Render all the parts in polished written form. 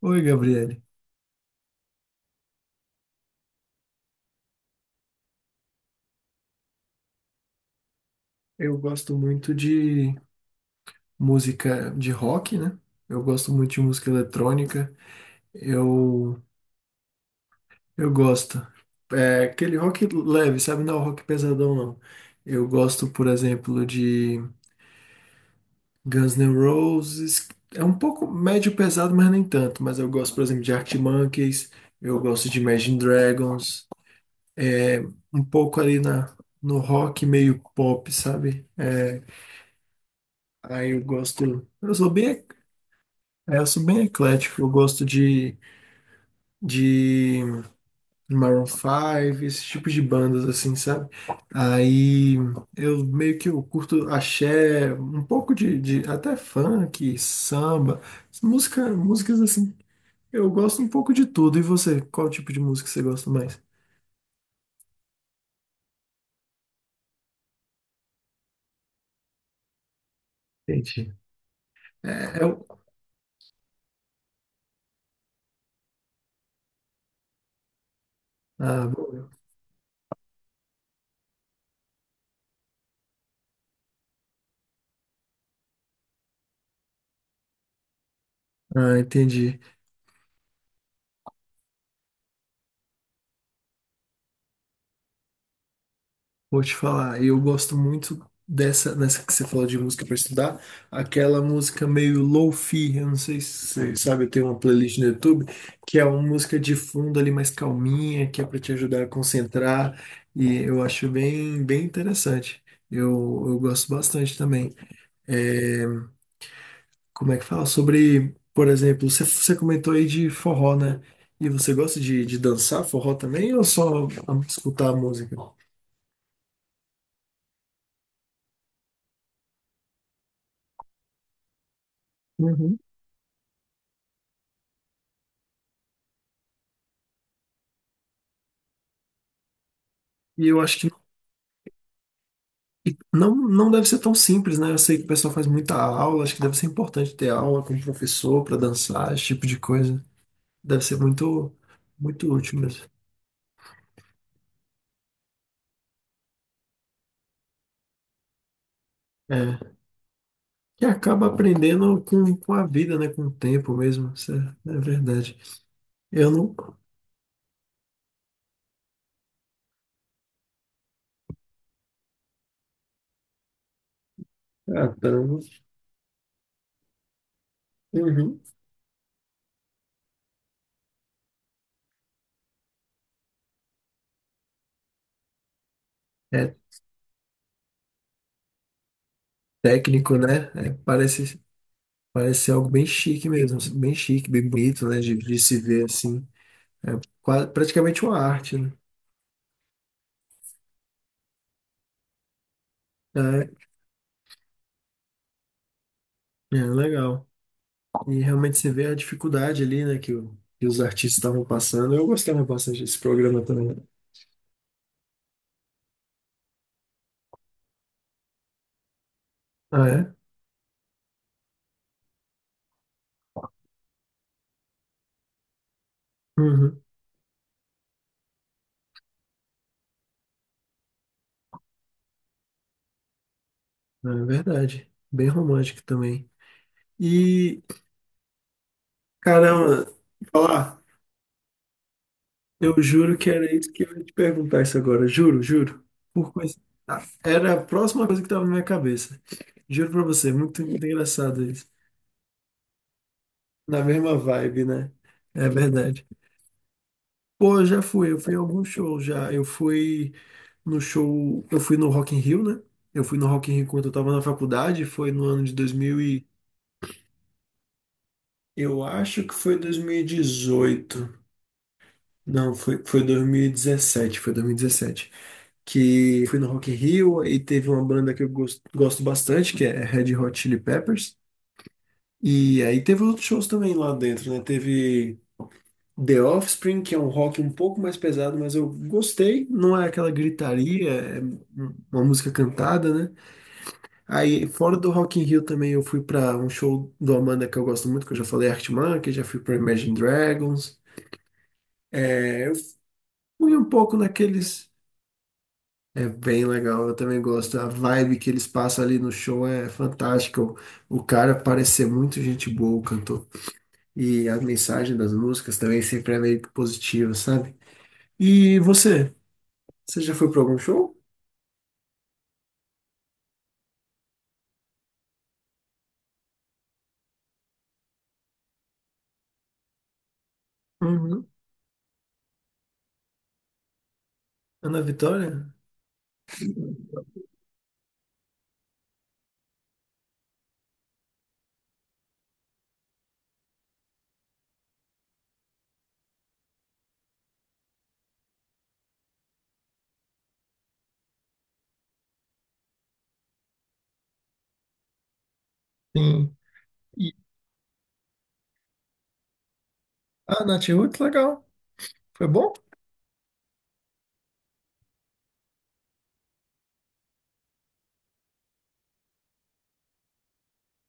Oi, Gabriele. Eu gosto muito de música de rock, né? Eu gosto muito de música eletrônica. Eu, eu gosto. É aquele rock leve, sabe? Não, é um rock pesadão, não. Eu gosto, por exemplo, de Guns N' Roses. É um pouco médio pesado, mas nem tanto. Mas eu gosto, por exemplo, de Arctic Monkeys. Eu gosto de Imagine Dragons. Um pouco ali no rock meio pop, sabe? Aí eu gosto. Eu sou bem É, eu sou bem eclético, eu gosto de Maroon 5, esse tipo de bandas assim, sabe? Aí eu meio que eu curto axé, um pouco de até funk, samba, músicas assim. Eu gosto um pouco de tudo. E você, qual tipo de música você gosta mais? Entendi. É o... Ah, bom. Ah, entendi. Vou te falar, eu gosto muito nessa que você falou de música para estudar, aquela música meio lo-fi, eu não sei se você sabe, eu tenho uma playlist no YouTube, que é uma música de fundo ali mais calminha, que é para te ajudar a concentrar, e eu acho bem, bem interessante. Eu gosto bastante também. É, como é que fala? Sobre, por exemplo, você comentou aí de forró, né? E você gosta de dançar forró também ou só escutar a música? Uhum. E eu acho que E não deve ser tão simples, né? Eu sei que o pessoal faz muita aula, acho que deve ser importante ter aula com o professor para dançar, esse tipo de coisa. Deve ser muito, muito útil mesmo. É. E acaba aprendendo com a vida, né? Com o tempo mesmo. É verdade. Eu não. Ah, caramba. Uhum. É técnico, né? Parece ser algo bem chique mesmo. Bem chique, bem bonito, né? De se ver assim. É praticamente uma arte, né? É, é legal. E realmente você vê a dificuldade ali, né, que os artistas estavam passando. Eu gostava bastante desse programa também. Ah, é? Uhum. Ah, é verdade. Bem romântico também. E, caramba, falar, eu juro que era isso que eu ia te perguntar isso agora. Juro, juro. Por coisa... Ah, era a próxima coisa que estava na minha cabeça. Juro pra você, muito, muito engraçado isso. Na mesma vibe, né? É verdade. Pô, eu já fui, eu fui a alguns shows já. Eu fui. No show. Eu fui no Rock in Rio, né? Eu fui no Rock in Rio quando eu tava na faculdade, foi no ano de 2000 e... Eu acho que foi 2018. Não, foi 2017, foi 2017. Que fui no Rock in Rio e teve uma banda que eu gosto bastante, que é Red Hot Chili Peppers. E aí teve outros shows também lá dentro, né? Teve The Offspring, que é um rock um pouco mais pesado, mas eu gostei. Não é aquela gritaria, é uma música cantada, né? Aí, fora do Rock in Rio também, eu fui pra um show do Amanda que eu gosto muito, que eu já falei, Arctic Monkeys, já fui pra Imagine Dragons. Eu fui um pouco naqueles... É bem legal, eu também gosto. A vibe que eles passam ali no show é fantástica. O cara parece ser muito gente boa, o cantor. E a mensagem das músicas também sempre é meio positiva, sabe? E você? Você já foi pra algum show? Uhum. Ana Vitória? Sim. E a Nath Roots, legal. Foi bom?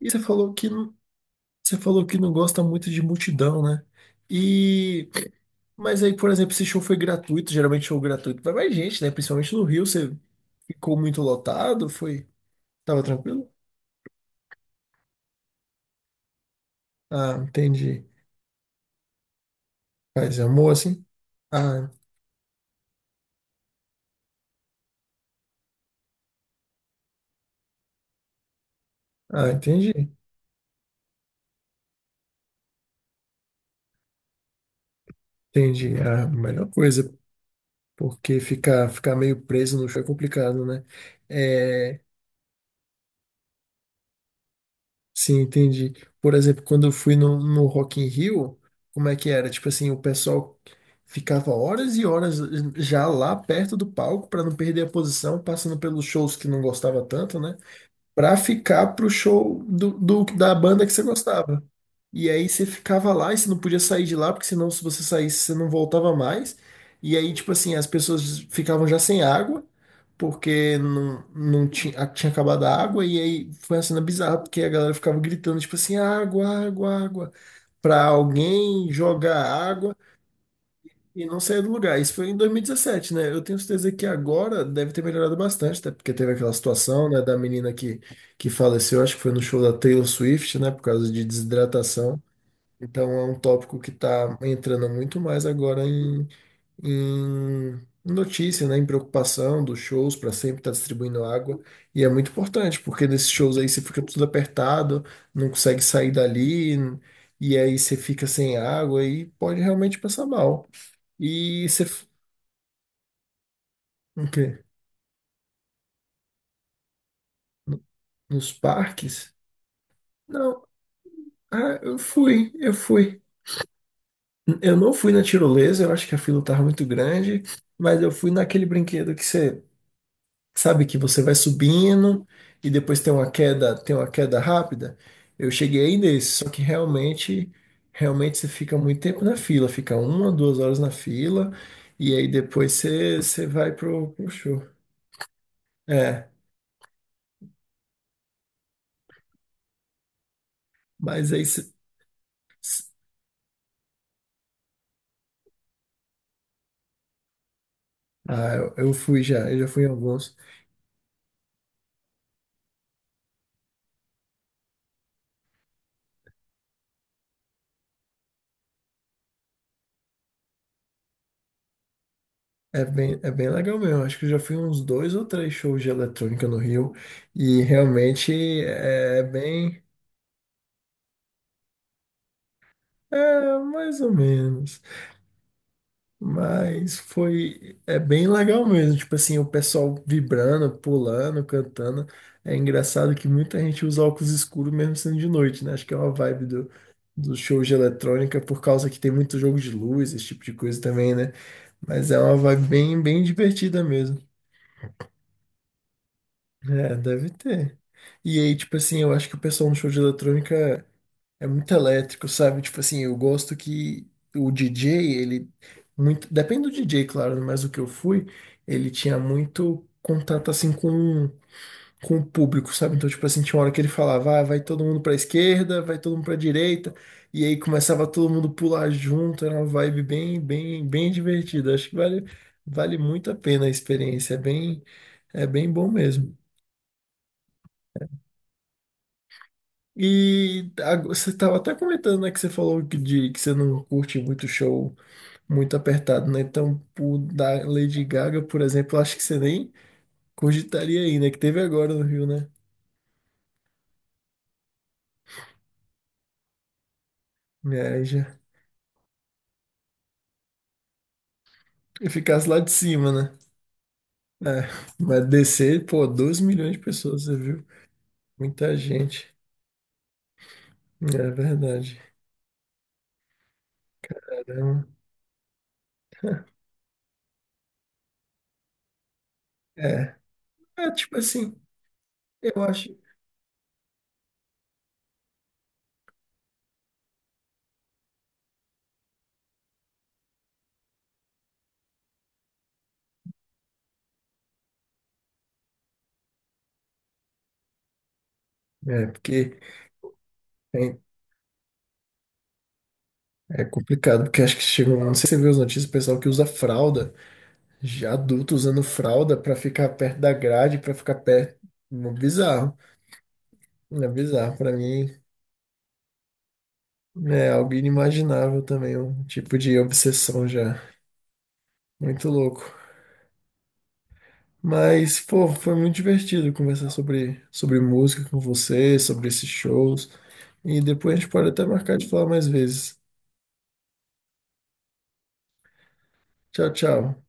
E você falou que não- Você falou que não gosta muito de multidão, né? E mas aí, por exemplo, esse show foi gratuito, geralmente show gratuito vai mais gente, né? Principalmente no Rio, você ficou muito lotado, foi, tava tranquilo? Ah, entendi. Mas amor assim? Ah, ah, entendi. Entendi. É a melhor coisa, porque ficar meio preso no show é complicado, né? É, Sim, entendi. Por exemplo, quando eu fui no Rock in Rio, como é que era? Tipo assim, o pessoal ficava horas e horas já lá perto do palco para não perder a posição, passando pelos shows que não gostava tanto, né? Pra ficar pro show da banda que você gostava. E aí você ficava lá e você não podia sair de lá, porque senão se você saísse, você não voltava mais. E aí, tipo assim, as pessoas ficavam já sem água, porque não tinha, tinha acabado a água. E aí foi uma cena bizarra, porque a galera ficava gritando, tipo assim, água, água, água. Pra alguém jogar água e não saía do lugar. Isso foi em 2017, né? Eu tenho certeza que agora deve ter melhorado bastante, até porque teve aquela situação, né, da menina que faleceu, acho que foi no show da Taylor Swift, né, por causa de desidratação. Então é um tópico que está entrando muito mais agora em notícia, né, em preocupação dos shows para sempre estar distribuindo água. E é muito importante, porque nesses shows aí você fica tudo apertado, não consegue sair dali, e aí você fica sem água e pode realmente passar mal. E você. f- O quê? Nos parques? Não. Ah, eu fui. Eu não fui na tirolesa, eu acho que a fila tava muito grande, mas eu fui naquele brinquedo que você sabe que você vai subindo e depois tem uma queda rápida. Eu cheguei aí nesse, só que realmente, realmente você fica muito tempo na fila, fica uma, duas horas na fila, e aí depois você vai pro show. É, mas aí você. Ah, eu fui já, eu já fui em alguns. É bem legal mesmo. Acho que eu já fui uns dois ou três shows de eletrônica no Rio e realmente é bem, é mais ou menos. Mas foi, é bem legal mesmo. Tipo assim, o pessoal vibrando, pulando, cantando. É engraçado que muita gente usa óculos escuros mesmo sendo de noite, né? Acho que é uma vibe do show de eletrônica por causa que tem muito jogo de luz, esse tipo de coisa também, né? Mas é uma vibe bem, bem divertida mesmo. É, deve ter. E aí, tipo assim, eu acho que o pessoal no show de eletrônica é muito elétrico, sabe? Tipo assim, eu gosto que o DJ, ele muito, depende do DJ, claro, né? Mas o que eu fui, ele tinha muito contato assim com o público, sabe? Então, tipo assim, tinha uma hora que ele falava, ah, vai todo mundo pra esquerda, vai todo mundo pra direita, e aí começava todo mundo pular junto, era uma vibe bem, bem, bem divertida. Acho que vale muito a pena a experiência, é bem bom mesmo. Você estava até comentando, né, que você falou que você não curte muito show muito apertado, né? Então, o da Lady Gaga, por exemplo, eu acho que você nem cogitaria aí, né? Que teve agora no Rio, né? É, aí já. E ficasse lá de cima, né? É, mas descer, pô, 2 milhões de pessoas, você viu? Muita gente. É verdade. Caramba. É, é tipo assim, eu acho. É, porque é, é complicado, porque acho que chegou. Não sei se você viu as notícias, o pessoal que usa fralda. Já adulto usando fralda pra ficar perto da grade, pra ficar perto. É bizarro. É bizarro pra mim. É algo inimaginável também, um tipo de obsessão já. Muito louco. Mas, pô, foi muito divertido conversar sobre música com você, sobre esses shows. E depois a gente pode até marcar de falar mais vezes. Tchau, tchau.